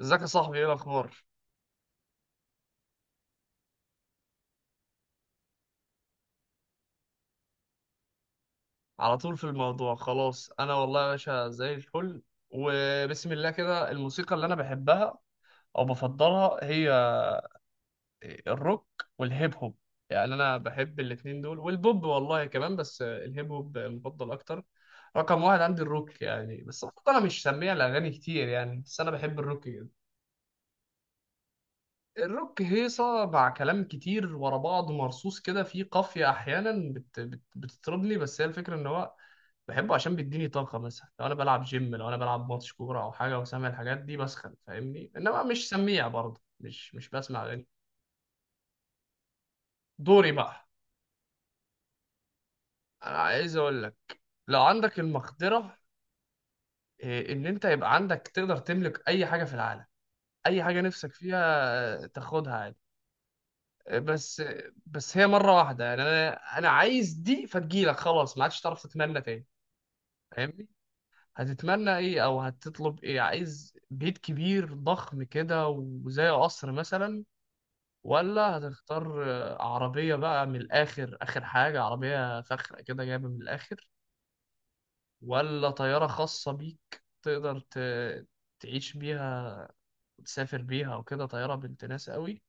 ازيك يا صاحبي؟ ايه الاخبار؟ على طول في الموضوع خلاص. انا والله يا باشا زي الفل، وبسم الله كده الموسيقى اللي انا بحبها او بفضلها هي الروك والهيب هوب. يعني انا بحب الاتنين دول والبوب والله كمان، بس الهيب هوب مفضل اكتر. رقم واحد عندي الروك يعني، بس برضه انا مش سميع الاغاني كتير، يعني بس انا بحب الروك جدا. الروك هيصه مع كلام كتير ورا بعض مرصوص كده، فيه قافيه احيانا بت بت بتطربني، بس هي الفكره ان هو بحبه عشان بيديني طاقة. مثلا لو أنا بلعب جيم، لو أنا بلعب ماتش كورة أو حاجة وسامع الحاجات دي بسخن، فاهمني؟ إنما مش سميع برضه، مش بسمع أغاني. دوري بقى. أنا عايز أقول لك، لو عندك المقدرة إن أنت يبقى عندك تقدر تملك أي حاجة في العالم، أي حاجة نفسك فيها، تاخدها عادي. بس هي مرة واحدة يعني. أنا عايز دي فتجيلك خلاص، ما عادش تعرف تتمنى تاني، فاهمني؟ هتتمنى ايه او هتطلب ايه؟ عايز بيت كبير ضخم كده وزي قصر مثلا، ولا هتختار عربية بقى من الآخر، آخر حاجة عربية فخرة كده جايبة من الآخر، ولا طيارة خاصة بيك تقدر تعيش بيها وتسافر بيها وكده، طيارة بنت ناس قوي،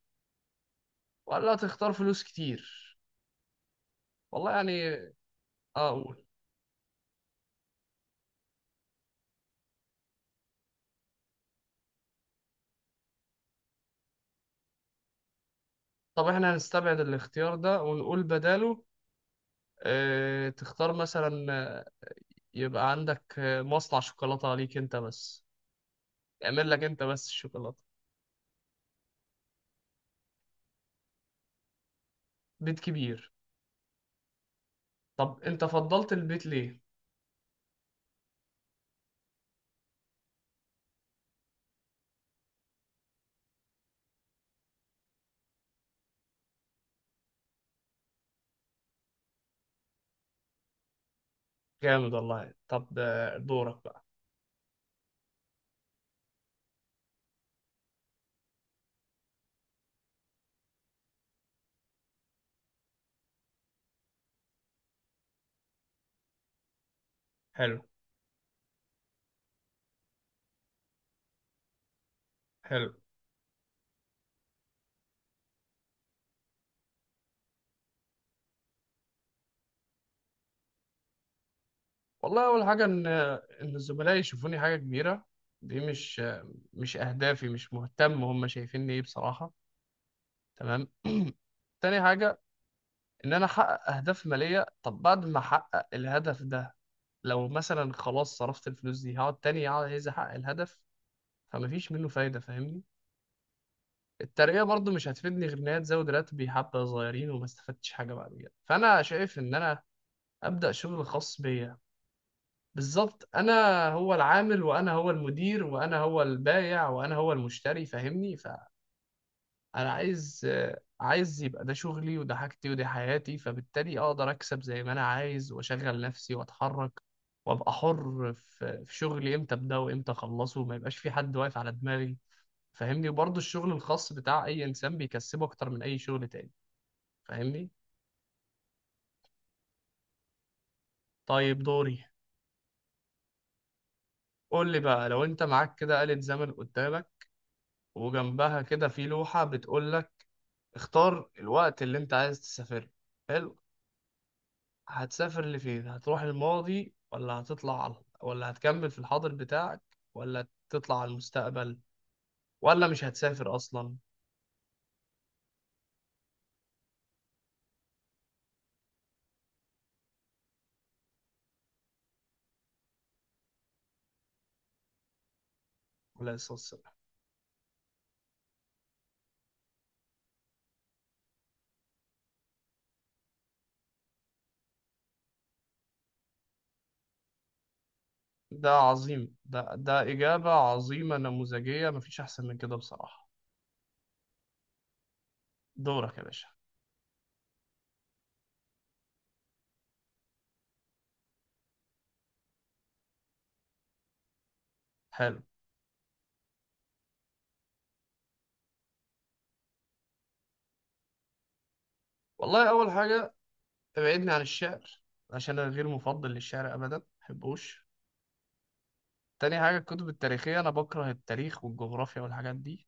ولا هتختار فلوس كتير؟ والله يعني، اه اقول. طب احنا هنستبعد الاختيار ده ونقول بداله اه تختار مثلا يبقى عندك مصنع شوكولاتة ليك انت بس، يعمل لك انت بس الشوكولاتة. بيت كبير؟ طب انت فضلت البيت ليه؟ جامد والله. طب دورك بقى. حلو، حلو. والله اول حاجة ان ان الزملاء يشوفوني حاجة كبيرة دي مش اهدافي، مش مهتم هم شايفيني ايه بصراحة. تمام. تاني حاجة ان انا احقق اهداف مالية. طب بعد ما احقق الهدف ده، لو مثلا خلاص صرفت الفلوس دي، هقعد تاني عايز احقق الهدف، فمفيش منه فايدة، فاهمني؟ الترقية برضو مش هتفيدني غير إن هي تزود راتبي حبة صغيرين وما استفدتش حاجة بعد كده، فأنا شايف إن أنا أبدأ شغل خاص بيا. بالظبط، أنا هو العامل وأنا هو المدير وأنا هو البائع وأنا هو المشتري، فاهمني؟ فأنا عايز، عايز يبقى ده شغلي وده حاجتي ودي حياتي، فبالتالي أقدر أكسب زي ما أنا عايز وأشغل نفسي وأتحرك وأبقى حر في شغلي، إمتى أبدأ وإمتى أخلصه وما يبقاش في حد واقف على دماغي، فاهمني؟ وبرضه الشغل الخاص بتاع اي انسان بيكسبه اكتر من اي شغل تاني، فاهمني؟ طيب، دوري. قول لي بقى، لو انت معاك كده آلة زمن قدامك، وجنبها كده في لوحة بتقول لك اختار الوقت اللي انت عايز تسافر له. حلو. هتسافر لفين؟ هتروح الماضي، ولا هتطلع على، ولا هتكمل في الحاضر بتاعك، ولا تطلع على المستقبل، ولا مش هتسافر اصلا؟ ولا الصلاة. ده عظيم، ده إجابة عظيمة نموذجية، مفيش أحسن من كده بصراحة. دورك يا باشا. حلو. والله أول حاجة ابعدني عن الشعر، عشان أنا غير مفضل للشعر أبدا، مبحبوش. تاني حاجة الكتب التاريخية، أنا بكره التاريخ والجغرافيا والحاجات دي.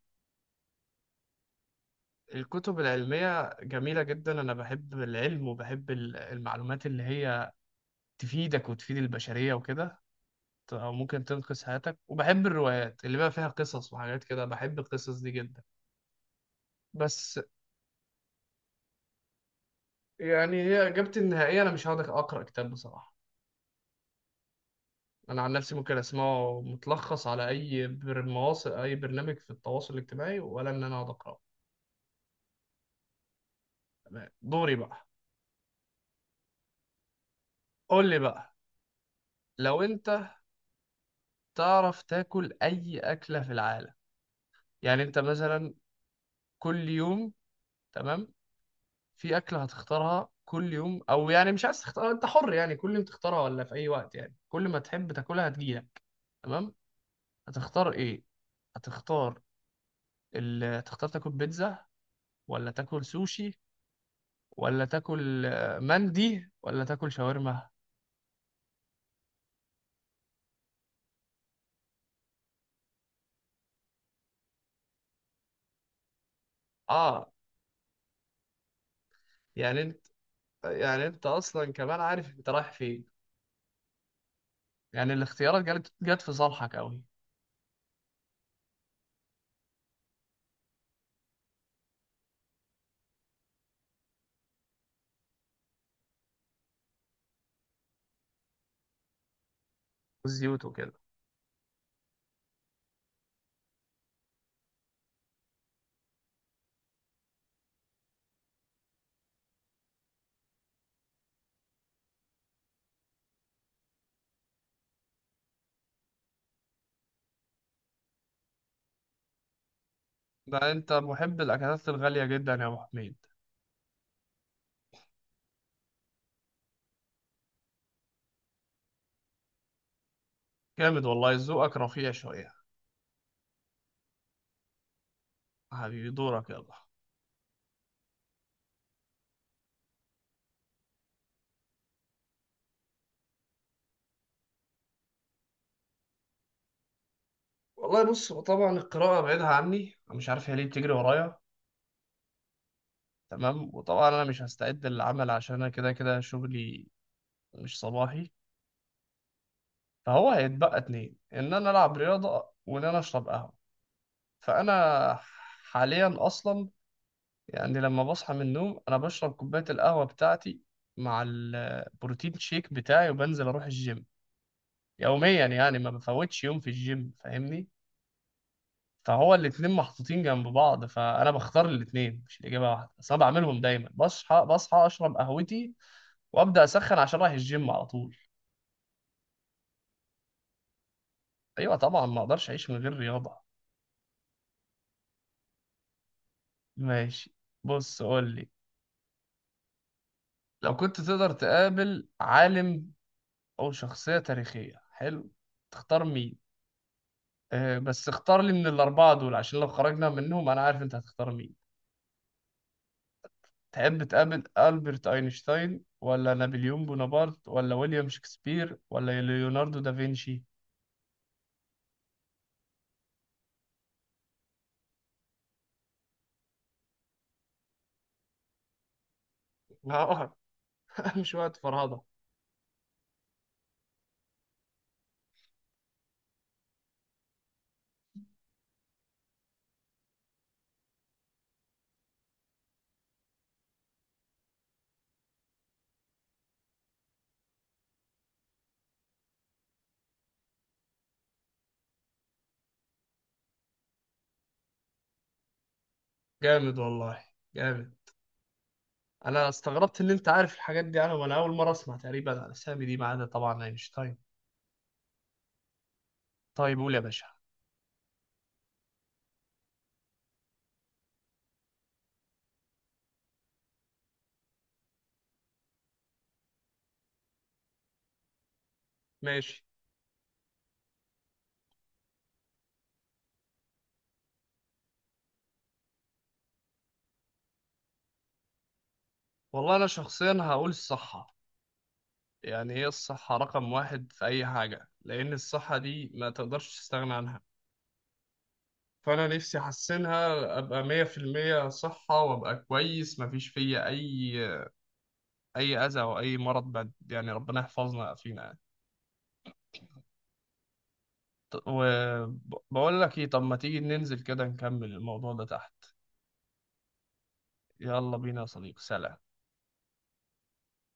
الكتب العلمية جميلة جدا، أنا بحب العلم وبحب المعلومات اللي هي تفيدك وتفيد البشرية وكده، أو ممكن تنقذ حياتك. وبحب الروايات اللي بقى فيها قصص وحاجات كده، بحب القصص دي جدا. بس يعني هي إجابتي النهائية، أنا مش هقدر أقرأ كتاب بصراحة. انا عن نفسي ممكن اسمعه متلخص على اي مواصل، اي برنامج في التواصل الاجتماعي، ولا ان انا اقعد اقراه. تمام. دوري بقى. قول لي بقى، لو انت تعرف تاكل اي اكله في العالم، يعني انت مثلا كل يوم. تمام؟ في اكله هتختارها كل يوم؟ او يعني مش عايز تختار، انت حر يعني كل يوم تختارها ولا في اي وقت، يعني كل ما تحب تاكلها هتجيلك. تمام؟ هتختار ايه؟ هتختار هتختار تاكل بيتزا، ولا تاكل سوشي، ولا تاكل مندي، ولا تاكل شاورما؟ اه. يعني انت، يعني انت اصلا كمان عارف انت رايح فين. يعني الاختيارات جت في صالحك قوي. والزيوت وكده. ده انت محب الاكلات الغاليه جدا يا ابو حميد. جامد والله، ذوقك رفيع شويه. حبيبي، دورك يلا. والله بص، هو طبعا القراءه بعيدها عني، أنا مش عارف هي ليه بتجري ورايا. تمام. وطبعا انا مش هستعد للعمل عشان انا كده كده شغلي مش صباحي. فهو هيتبقى اتنين، ان انا العب رياضه وان انا اشرب قهوه، فأنا حاليا أصلا، يعني لما بصحى من النوم، أنا بشرب كوباية القهوة بتاعتي مع البروتين شيك بتاعي، وبنزل أروح الجيم، يوميا يعني، ما بفوتش يوم في الجيم، فاهمني؟ فهو الاتنين محطوطين جنب بعض، فأنا بختار الاتنين، مش الإجابة واحدة بس، أنا بعملهم دايما. بصحى أشرب قهوتي، وأبدأ أسخن عشان رايح الجيم على طول. أيوة طبعا، ما أقدرش أعيش من غير رياضة. ماشي، بص قول لي، لو كنت تقدر تقابل عالم أو شخصية تاريخية، حلو؟ تختار مين؟ آه بس اختار لي من الأربعة دول، عشان لو خرجنا منهم أنا عارف أنت هتختار مين. تحب تقابل ألبرت أينشتاين، ولا نابليون بونابرت، ولا ويليام شكسبير، ولا ليوناردو دافنشي؟ آه. مش وقت فرهضة. جامد والله، جامد. أنا استغربت إن أنت عارف الحاجات دي، أنا وأنا أول مرة أسمع تقريبا عن الأسامي دي، ما عدا طبعا أينشتاين. طيب قول يا باشا. ماشي. والله أنا شخصيا هقول الصح، يعني هي الصحة رقم واحد في أي حاجة، لأن الصحة دي ما تقدرش تستغنى عنها. فأنا نفسي أحسنها، أبقى 100% صحة، وأبقى كويس مفيش فيا أي أذى أو أي مرض بعد، يعني ربنا يحفظنا فينا يعني. وبقول لك إيه، طب ما تيجي ننزل كده نكمل الموضوع ده تحت. يلا بينا يا صديقي، سلام.